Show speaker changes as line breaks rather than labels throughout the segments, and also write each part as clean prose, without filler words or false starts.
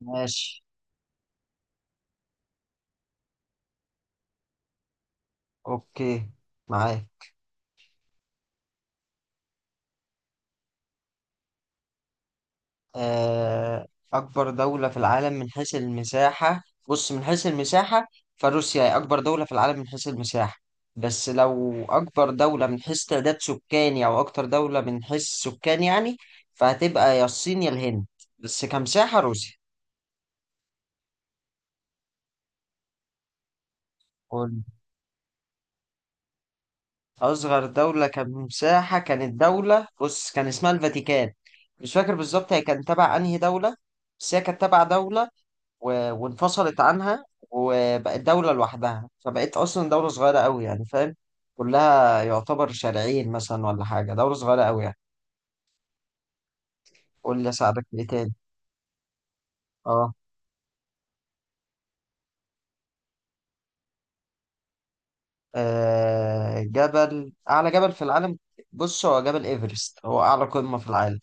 ماشي. أوكي. معاك. آه، أكبر دولة في العالم من حيث المساحة. بص، من حيث المساحة، فروسيا هي أكبر دولة في العالم من حيث المساحة. بس لو أكبر دولة من حيث تعداد سكاني، أو أكتر دولة من حيث السكان يعني، فهتبقى يا الصين يا الهند. بس كمساحة روسيا. قول. أصغر دولة كمساحة كانت دولة، بص كان اسمها الفاتيكان. مش فاكر بالظبط هي كانت تبع أنهي دولة، بس هي كانت تبع دولة وانفصلت عنها وبقت دولة لوحدها، فبقت أصلا دولة صغيرة أوي يعني، فاهم؟ كلها يعتبر شارعين مثلا ولا حاجة، دولة صغيرة أوي يعني. قول لي أساعدك في إيه تاني. أه. جبل أعلى جبل في العالم. بص هو جبل إيفرست هو أعلى قمة في العالم.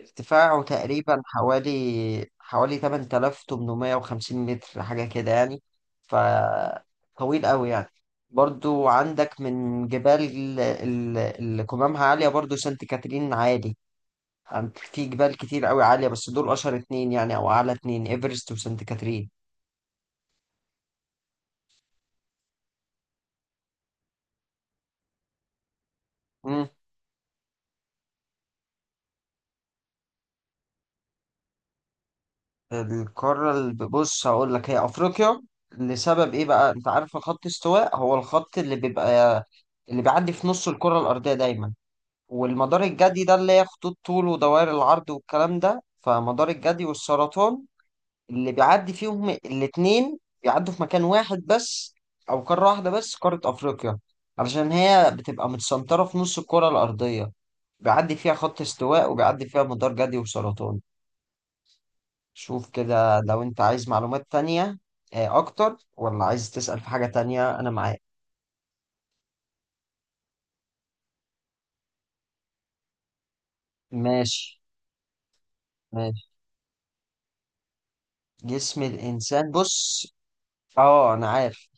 ارتفاعه تقريبا حوالي 8850 متر، حاجة كده يعني. فطويل قوي يعني. برضو عندك من جبال اللي قمامها عالية برضو، سانت كاترين عالي. في جبال كتير قوي عالية، بس دول أشهر اتنين يعني، أو أعلى اتنين، إيفرست وسانت كاترين. مم. القارة اللي، بص هقول لك، هي أفريقيا. لسبب إيه بقى؟ أنت عارف خط استواء هو الخط اللي بيبقى، اللي بيعدي في نص الكرة الأرضية دايما. والمدار الجدي ده اللي هي خطوط طول ودوائر العرض والكلام ده. فمدار الجدي والسرطان اللي بيعدي فيهم الاتنين، بيعدوا في مكان واحد بس، أو قارة واحدة بس، قارة أفريقيا. علشان هي بتبقى متسنطرة في نص الكرة الأرضية، بيعدي فيها خط استواء وبيعدي فيها مدار جدي وسرطان. شوف كده لو أنت عايز معلومات تانية أكتر، ولا عايز تسأل في حاجة تانية، أنا معاك. ماشي، ماشي. جسم الإنسان بص. اه أنا عارف.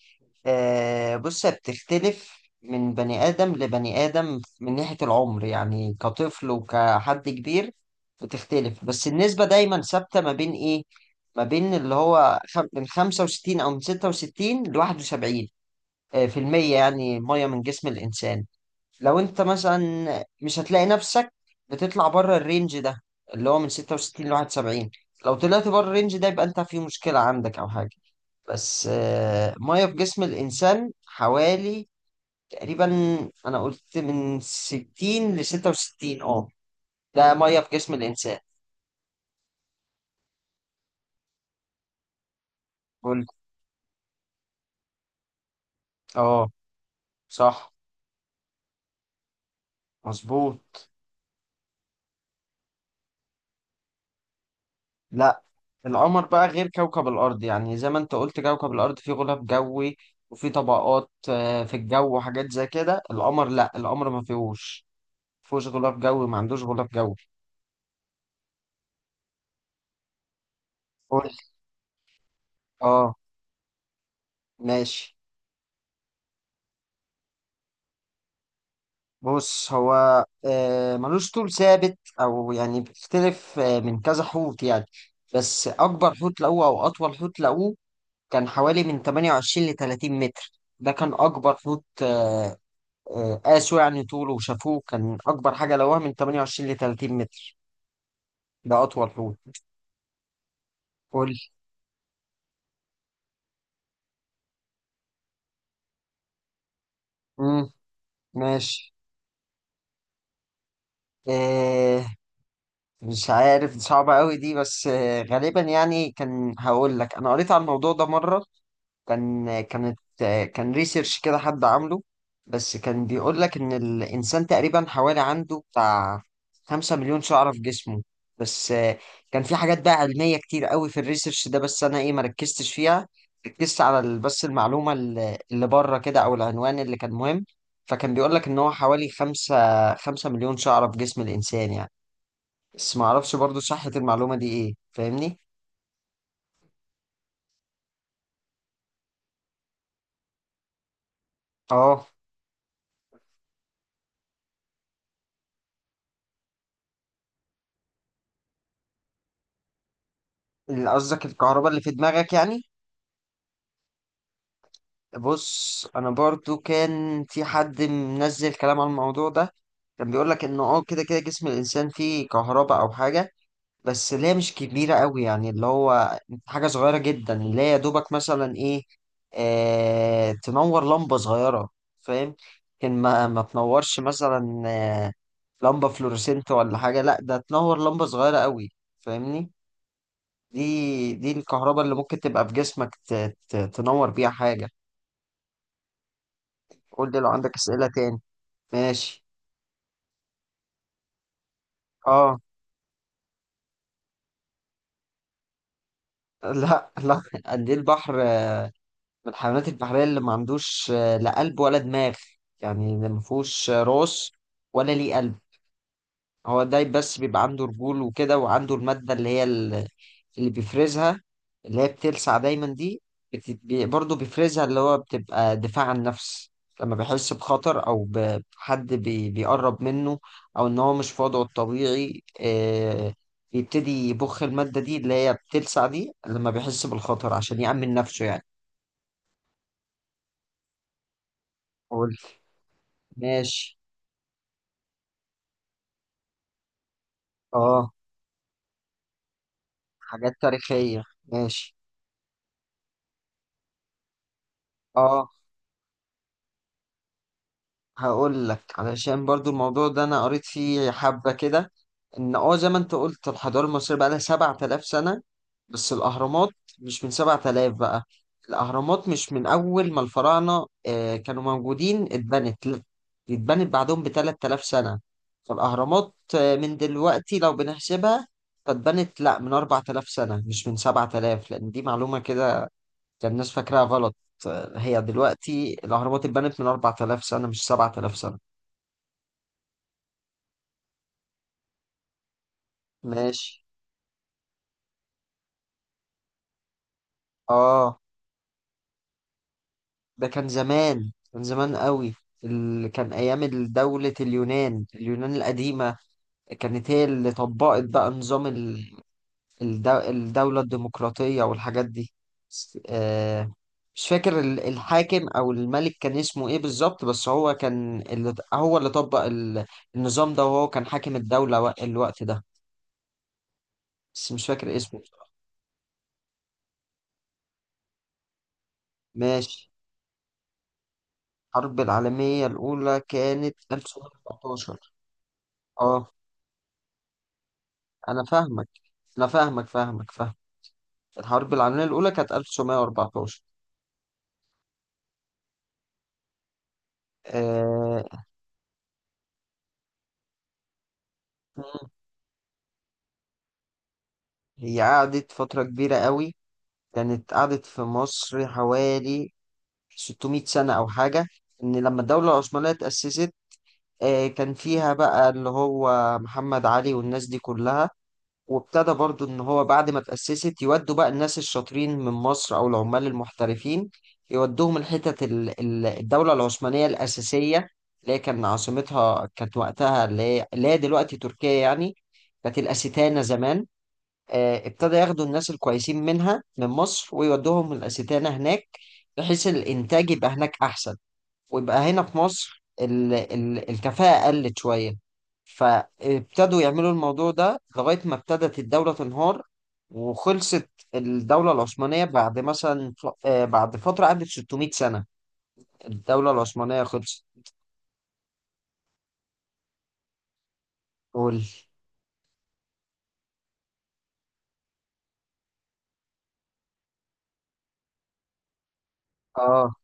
بص هي بتختلف من بني آدم لبني آدم من ناحية العمر، يعني كطفل وكحد كبير بتختلف، بس النسبة دايما ثابتة ما بين إيه؟ ما بين اللي هو من 65 أو من 66 ل 71 في المية، يعني مية من جسم الإنسان. لو أنت مثلا مش هتلاقي نفسك بتطلع بره الرينج ده، اللي هو من 66 ل 71، لو طلعت بره الرينج ده يبقى أنت في مشكلة عندك أو حاجة. بس مية في جسم الإنسان حوالي، تقريبا، أنا قلت من 60 ل 66، اه. ده مية في جسم الإنسان. قلت. اه. صح. مظبوط. لا، القمر بقى غير كوكب الأرض، يعني زي ما أنت قلت كوكب الأرض فيه غلاف جوي، وفيه طبقات في الجو وحاجات زي كده. القمر لا، القمر ما فيهوش، ما فيهوش غلاف جوي، ما عندوش غلاف جوي. قول. اه. ماشي. بص هو ملوش طول ثابت او يعني بيختلف من كذا حوت يعني. بس اكبر حوت لقوه او اطول حوت لقوه كان حوالي من 28 ل 30 متر. ده كان اكبر حوت. قاسوا يعني طوله وشافوه كان اكبر حاجه لقوها من 28 ل 30 متر. ده اطول حوت. قول. امم ماشي. آه، مش عارف، دي صعبة قوي دي، بس غالبا يعني، كان هقول لك انا قريت على الموضوع ده مرة. كان كانت كان ريسيرش كده حد عامله. بس كان بيقول لك ان الانسان تقريبا حوالي عنده بتاع 5 مليون شعرة في جسمه. بس كان في حاجات بقى علمية كتير قوي في الريسيرش ده، بس انا ايه ما ركزتش فيها. ركزت على بس المعلومة اللي بره كده او العنوان اللي كان مهم. فكان بيقول لك ان هو حوالي 5 مليون شعرة في جسم الانسان يعني. بس ما اعرفش برضو صحة المعلومة دي ايه، فاهمني؟ اه. اللي قصدك الكهرباء اللي في دماغك يعني؟ بص انا برضو كان في حد منزل كلام عن الموضوع ده. كان بيقول لك انه كده كده جسم الانسان فيه كهرباء او حاجه، بس اللي هي مش كبيره قوي يعني، اللي هو حاجه صغيره جدا، اللي هي يا دوبك مثلا ايه، تنور لمبه صغيره، فاهم؟ لكن ما تنورش مثلا لمبه فلورسنت ولا حاجه، لا ده تنور لمبه صغيره قوي، فاهمني؟ دي الكهرباء اللي ممكن تبقى في جسمك تنور بيها حاجه. قول لي لو عندك أسئلة تاني. ماشي. اه. لا، لا، قد ايه البحر من الحيوانات البحرية اللي ما عندوش لا قلب ولا دماغ، يعني اللي ما فيهوش راس ولا ليه قلب. هو الدايب بس بيبقى عنده رجول وكده، وعنده المادة اللي هي اللي بيفرزها، اللي هي بتلسع دايما دي، برضه بيفرزها اللي هو بتبقى دفاع عن النفس. لما بيحس بخطر، أو بحد بيقرب منه، أو إن هو مش في وضعه الطبيعي، بيبتدي يبخ المادة دي اللي هي بتلسع دي لما بيحس بالخطر عشان يأمن نفسه يعني. قلت. ماشي. اه. حاجات تاريخية. ماشي. اه، هقول لك. علشان برضو الموضوع ده انا قريت فيه حبة كده، ان زي ما انت قلت الحضارة المصرية بقى لها 7000 سنة، بس الاهرامات مش من 7000 بقى. الاهرامات مش من اول ما الفراعنة كانوا موجودين اتبنت، لا. دي اتبنت بعدهم ب 3000 سنة. فالاهرامات من دلوقتي لو بنحسبها، فاتبنت لا من 4000 سنة، مش من 7000، لان دي معلومة كده كان الناس فاكراها غلط. هي دلوقتي الاهرامات اتبنت من 4000 سنة، مش 7000 سنة. ماشي. اه. ده كان زمان، كان زمان قوي، اللي كان ايام دولة اليونان. اليونان القديمة كانت هي اللي طبقت بقى نظام الدولة الديمقراطية والحاجات دي. س- آه مش فاكر الحاكم او الملك كان اسمه ايه بالظبط، بس هو كان اللي هو اللي طبق النظام ده، وهو كان حاكم الدولة الوقت ده، بس مش فاكر اسمه. ماشي. الحرب العالمية الأولى كانت 1914. اه، انا فاهمك، انا فاهمك فاهمك فاهم. الحرب العالميه الاولى كانت 1914. آه... هي قعدت فتره كبيره قوي، كانت قعدت في مصر حوالي 600 سنه او حاجه. ان لما الدوله العثمانيه اتاسست، كان فيها بقى اللي هو محمد علي والناس دي كلها. وابتدى برضو ان هو بعد ما تأسست يودوا بقى الناس الشاطرين من مصر او العمال المحترفين، يودوهم الحتت الدولة العثمانية الأساسية، اللي هي كان عاصمتها كانت وقتها اللي هي اللي هي دلوقتي تركيا يعني، كانت الأستانة زمان. ابتدى ياخدوا الناس الكويسين منها من مصر ويودوهم الأستانة هناك، بحيث الإنتاج يبقى هناك أحسن، ويبقى هنا في مصر ال ال الكفاءة قلت شوية. فابتدوا يعملوا الموضوع ده لغاية ما ابتدت الدولة تنهار وخلصت. الدولة العثمانية بعد مثلا بعد فترة قعدت 600 سنة، الدولة العثمانية خلصت. قول. اه.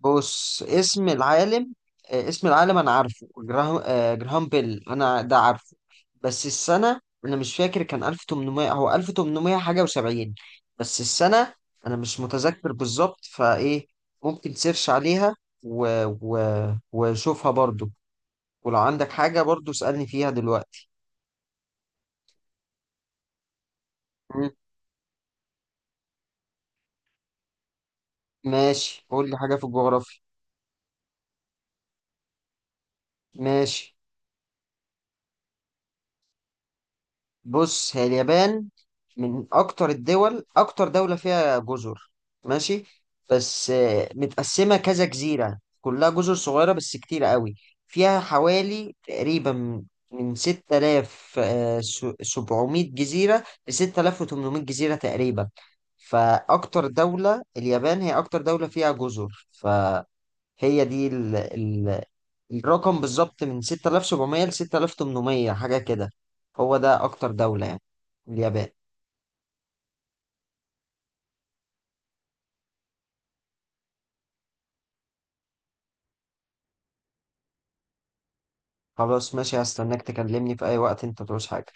بص اسم العالم انا عارفه جراهام بيل، انا ده عارفه. بس السنه انا مش فاكر، كان 1800، هو 1800 حاجه و70، بس السنه انا مش متذكر بالظبط فايه، ممكن تسيرش عليها و... و... وشوفها برضو. ولو عندك حاجه برضو اسالني فيها دلوقتي. مم. ماشي، قول لي حاجه في الجغرافيا. ماشي. بص هي اليابان من اكتر الدول، اكتر دولة فيها جزر. ماشي. بس متقسمة كذا جزيرة، كلها جزر صغيرة بس كتيرة قوي. فيها حوالي تقريبا من 6700 جزيرة ل 6800 جزيرة تقريبا. فأكتر دولة اليابان هي أكتر دولة فيها جزر. هي دي الرقم بالظبط من 6700 ل 6800، حاجة كده. هو ده أكتر دولة يعني، اليابان. خلاص ماشي، هستناك تكلمني في أي وقت أنت تعوز حاجة.